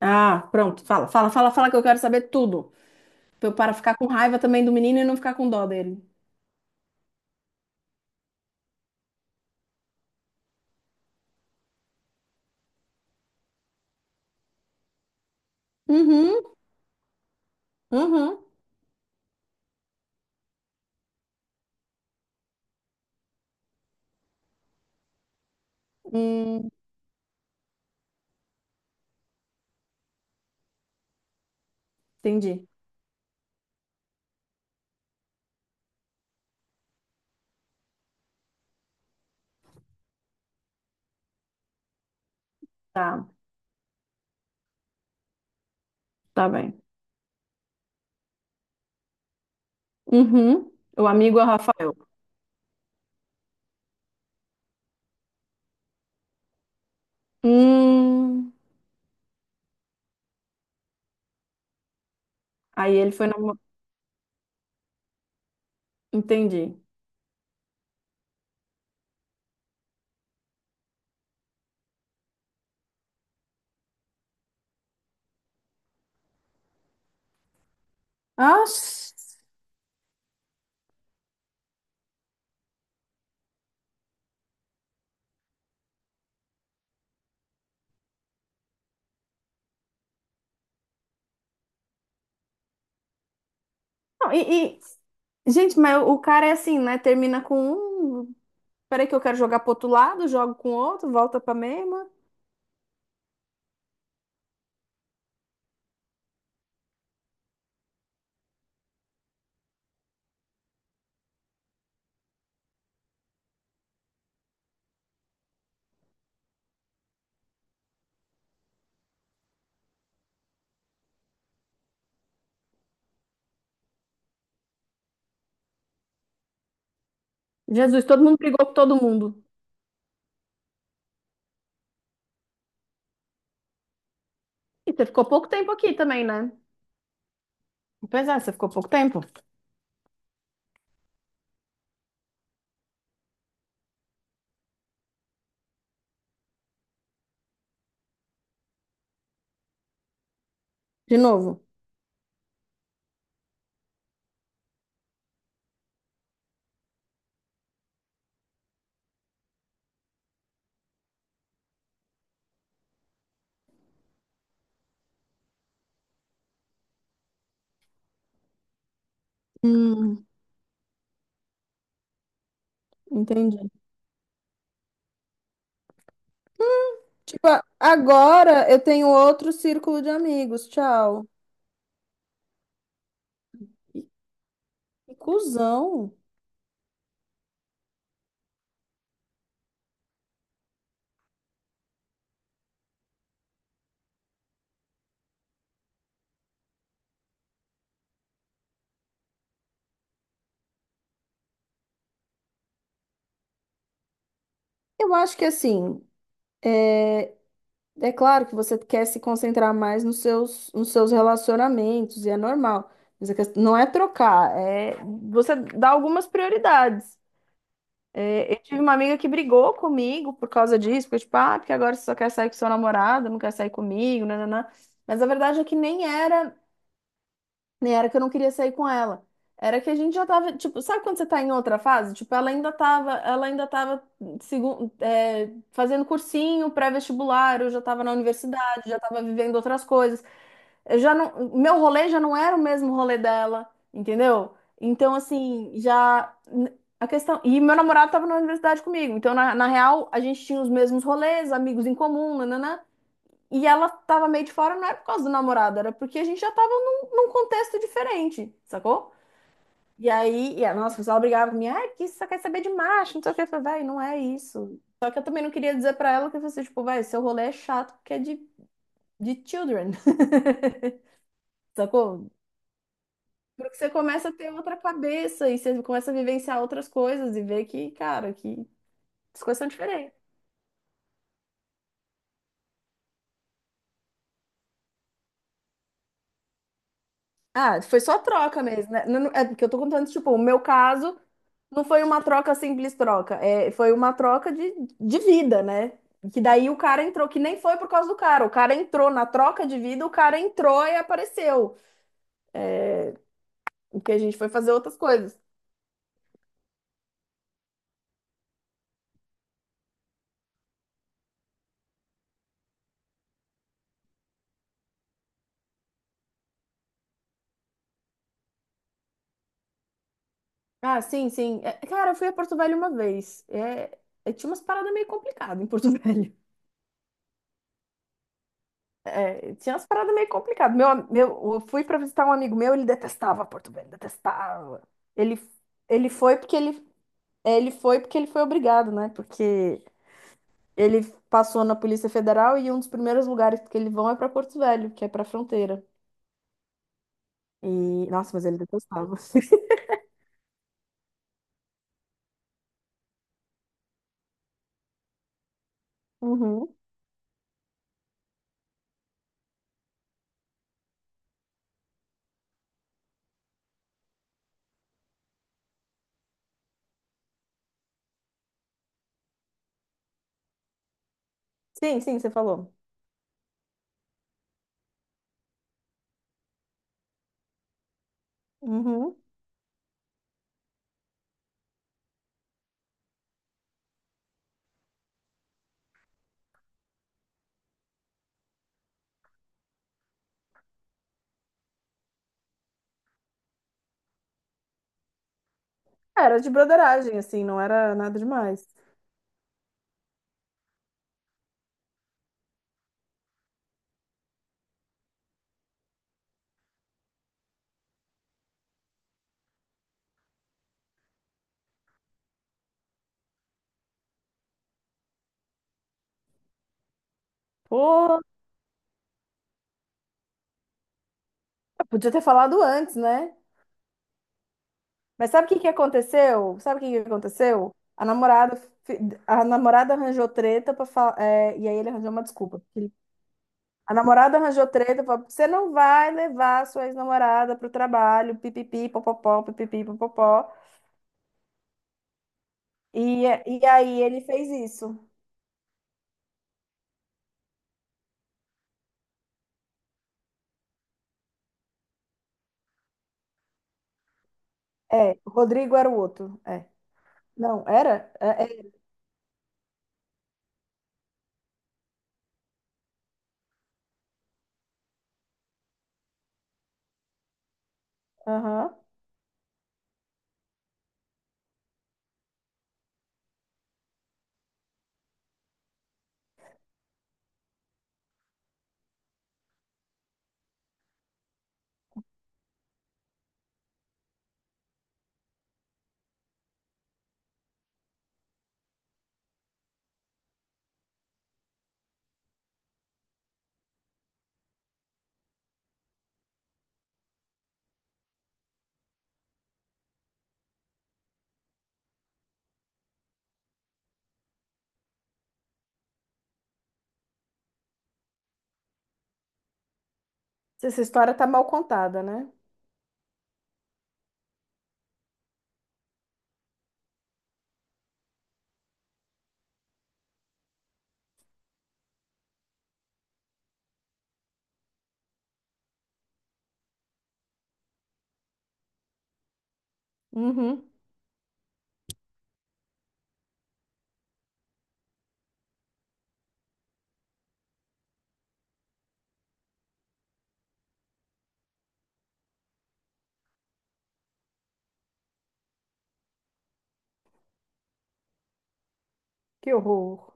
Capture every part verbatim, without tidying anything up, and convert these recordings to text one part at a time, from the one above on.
Ah, pronto, fala, fala, fala, fala que eu quero saber tudo. Pra eu para ficar com raiva também do menino e não ficar com dó dele. Uhum, uhum. Hum, entendi. Tá, tá bem. Uhum. O amigo é o Rafael. Hum. Aí ele foi namo... Entendi. Ah, não, e, e- Gente, mas o cara é assim, né? Termina com um. Peraí que eu quero jogar pro outro lado, jogo com outro, volta pra mesma. Jesus, todo mundo brigou com todo mundo. E você ficou pouco tempo aqui também, né? Pois é, você ficou pouco tempo. De novo. Hum, entendi. Tipo, a- agora eu tenho outro círculo de amigos. Tchau. Que que cuzão. Eu acho que assim, é, é claro que você quer se concentrar mais nos seus, nos seus relacionamentos, e é normal. Mas a questão não é trocar, é você dá algumas prioridades. É, eu tive uma amiga que brigou comigo por causa disso, porque tipo, ah, porque agora você só quer sair com seu namorado, não quer sair comigo, nananã. Mas a verdade é que nem era. Nem era que eu não queria sair com ela. Era que a gente já tava, tipo, sabe quando você tá em outra fase? Tipo, ela ainda tava, ela ainda tava segun- é, fazendo cursinho pré-vestibular, eu já tava na universidade, já tava vivendo outras coisas. Eu já não, meu rolê já não era o mesmo rolê dela, entendeu? Então, assim, já a questão, e meu namorado tava na universidade comigo. Então, na, na real, a gente tinha os mesmos rolês, amigos em comum, nananã. E ela tava meio de fora, não era por causa do namorado, era porque a gente já tava num, num contexto diferente, sacou? E aí, e a nossa, o pessoal brigava comigo, ah, que isso só quer saber de macho, não sei o que. Eu falei, vai, não é isso. Só que eu também não queria dizer pra ela que você, tipo, vai, seu rolê é chato porque é de, de children, sacou? Porque você começa a ter outra cabeça e você começa a vivenciar outras coisas e ver que, cara, que as coisas são diferentes. Ah, foi só troca mesmo, né? Não- não- É porque eu tô contando, tipo, o meu caso. Não foi uma troca simples troca, é, foi uma troca de, de vida, né? Que daí o cara entrou, que nem foi por causa do cara. O cara entrou na troca de vida, o cara entrou e apareceu. O que a gente foi fazer outras coisas. Ah, sim, sim. É, cara, eu fui a Porto Velho uma vez. É, é, tinha umas paradas meio complicadas em Porto Velho. É, tinha umas paradas meio complicadas. Meu, am- meu, eu fui pra visitar um amigo meu, ele detestava Porto Velho, detestava. Ele, ele foi porque ele, é, ele foi porque ele foi obrigado, né? Porque ele passou na Polícia Federal e um dos primeiros lugares que ele vão é pra Porto Velho, que é pra fronteira. E nossa, mas ele detestava. Uhum. Sim, sim, você falou. Uhum. Era de broderagem, assim, não era nada demais. Pô, podia ter falado antes, né? Mas sabe o que que aconteceu? Sabe o que que aconteceu? A namorada, fi- a namorada arranjou treta para falar, e aí ele arranjou uma desculpa. A namorada arranjou treta, falou, você não vai levar a sua ex-namorada pro trabalho, pipipi, popopó, pipipi, popopó. E, e aí ele fez isso. É, o Rodrigo era o outro. É. Não, era? É, é. Aham. Essa história tá mal contada, né? Uhum. Que horror.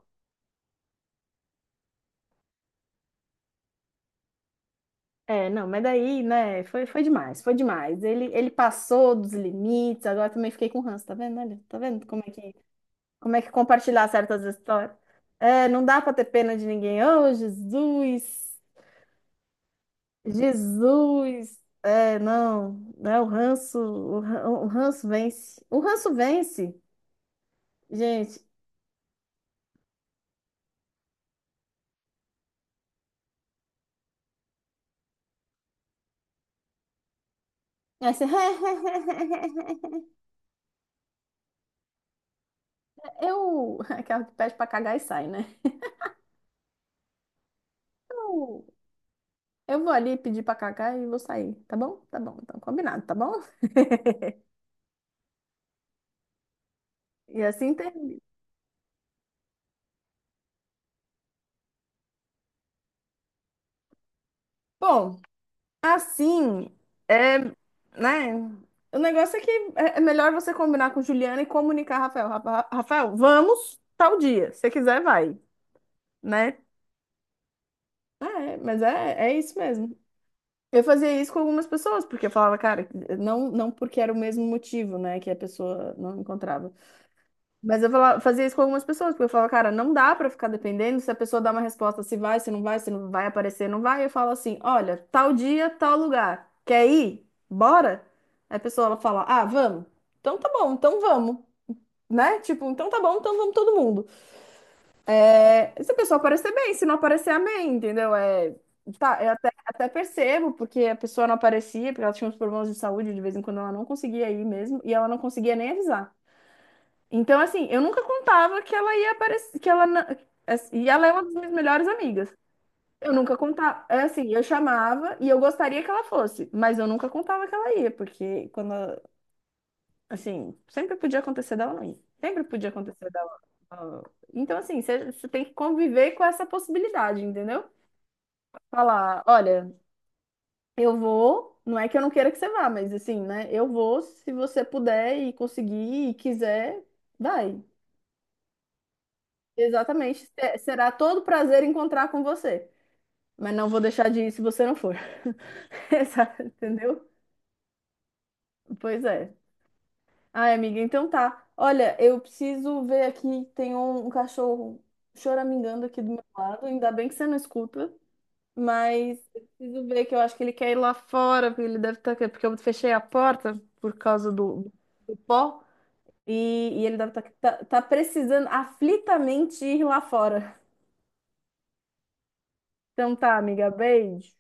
É, não, mas daí, né, foi, foi demais, foi demais. Ele, ele passou dos limites, agora também fiquei com ranço, tá vendo? Olha, tá vendo como é que, como é que compartilhar certas histórias? É, não dá pra ter pena de ninguém. Oh, Jesus! Jesus! É, não, né? O ranço, o ran- o ranço vence. O ranço vence, gente. É assim, eu, aquela que pede pra cagar e sai, né? Eu, eu vou ali pedir pra cagar e vou sair, tá bom? Tá bom, então combinado, tá bom? E assim termina. Bom, assim, é, né? O negócio é que é é melhor você combinar com Juliana e comunicar, Rafael. Rafa- Rafael, vamos tal dia. Se você quiser, vai, né? Ah, é, mas é, é isso mesmo. Eu fazia isso com algumas pessoas, porque eu falava, cara, não, não porque era o mesmo motivo, né, que a pessoa não encontrava. Mas eu falava, fazia isso com algumas pessoas, porque eu falava, cara, não dá pra ficar dependendo se a pessoa dá uma resposta, se vai, se não vai, se não vai aparecer, não vai. Eu falo assim, olha, tal dia, tal lugar, quer ir? Bora? Aí a pessoa ela fala, ah, vamos. Então tá bom, então vamos, né? Tipo, então tá bom, então vamos todo mundo. Se a pessoa aparecer bem, se não aparecer, amém, entendeu? É, tá, eu até, até percebo, porque a pessoa não aparecia, porque ela tinha uns problemas de saúde, de vez em quando ela não conseguia ir mesmo, e ela não conseguia nem avisar. Então, assim, eu nunca contava que ela ia aparecer, que ela, na- assim, e ela é uma das minhas melhores amigas. Eu nunca contava, é assim, eu chamava e eu gostaria que ela fosse, mas eu nunca contava que ela ia, porque quando, assim, sempre podia acontecer dela não ir. Sempre podia acontecer dela. ah, Então, assim, você você tem que conviver com essa possibilidade, entendeu? Falar, olha, eu vou, não é que eu não queira que você vá, mas assim, né? Eu vou, se você puder e conseguir e quiser, vai. Exatamente. Se- Será todo prazer encontrar com você. Mas não vou deixar de ir se você não for. Exato, entendeu? Pois é. Ai, amiga, então tá. Olha, eu preciso ver aqui, tem um, um cachorro choramingando aqui do meu lado. Ainda bem que você não escuta. Mas eu preciso ver que eu acho que ele quer ir lá fora, porque ele deve estar. Porque eu fechei a porta por causa do, do pó. E, e ele deve estar tá, tá- tá precisando aflitamente ir lá fora. Então tá, amiga, beijo.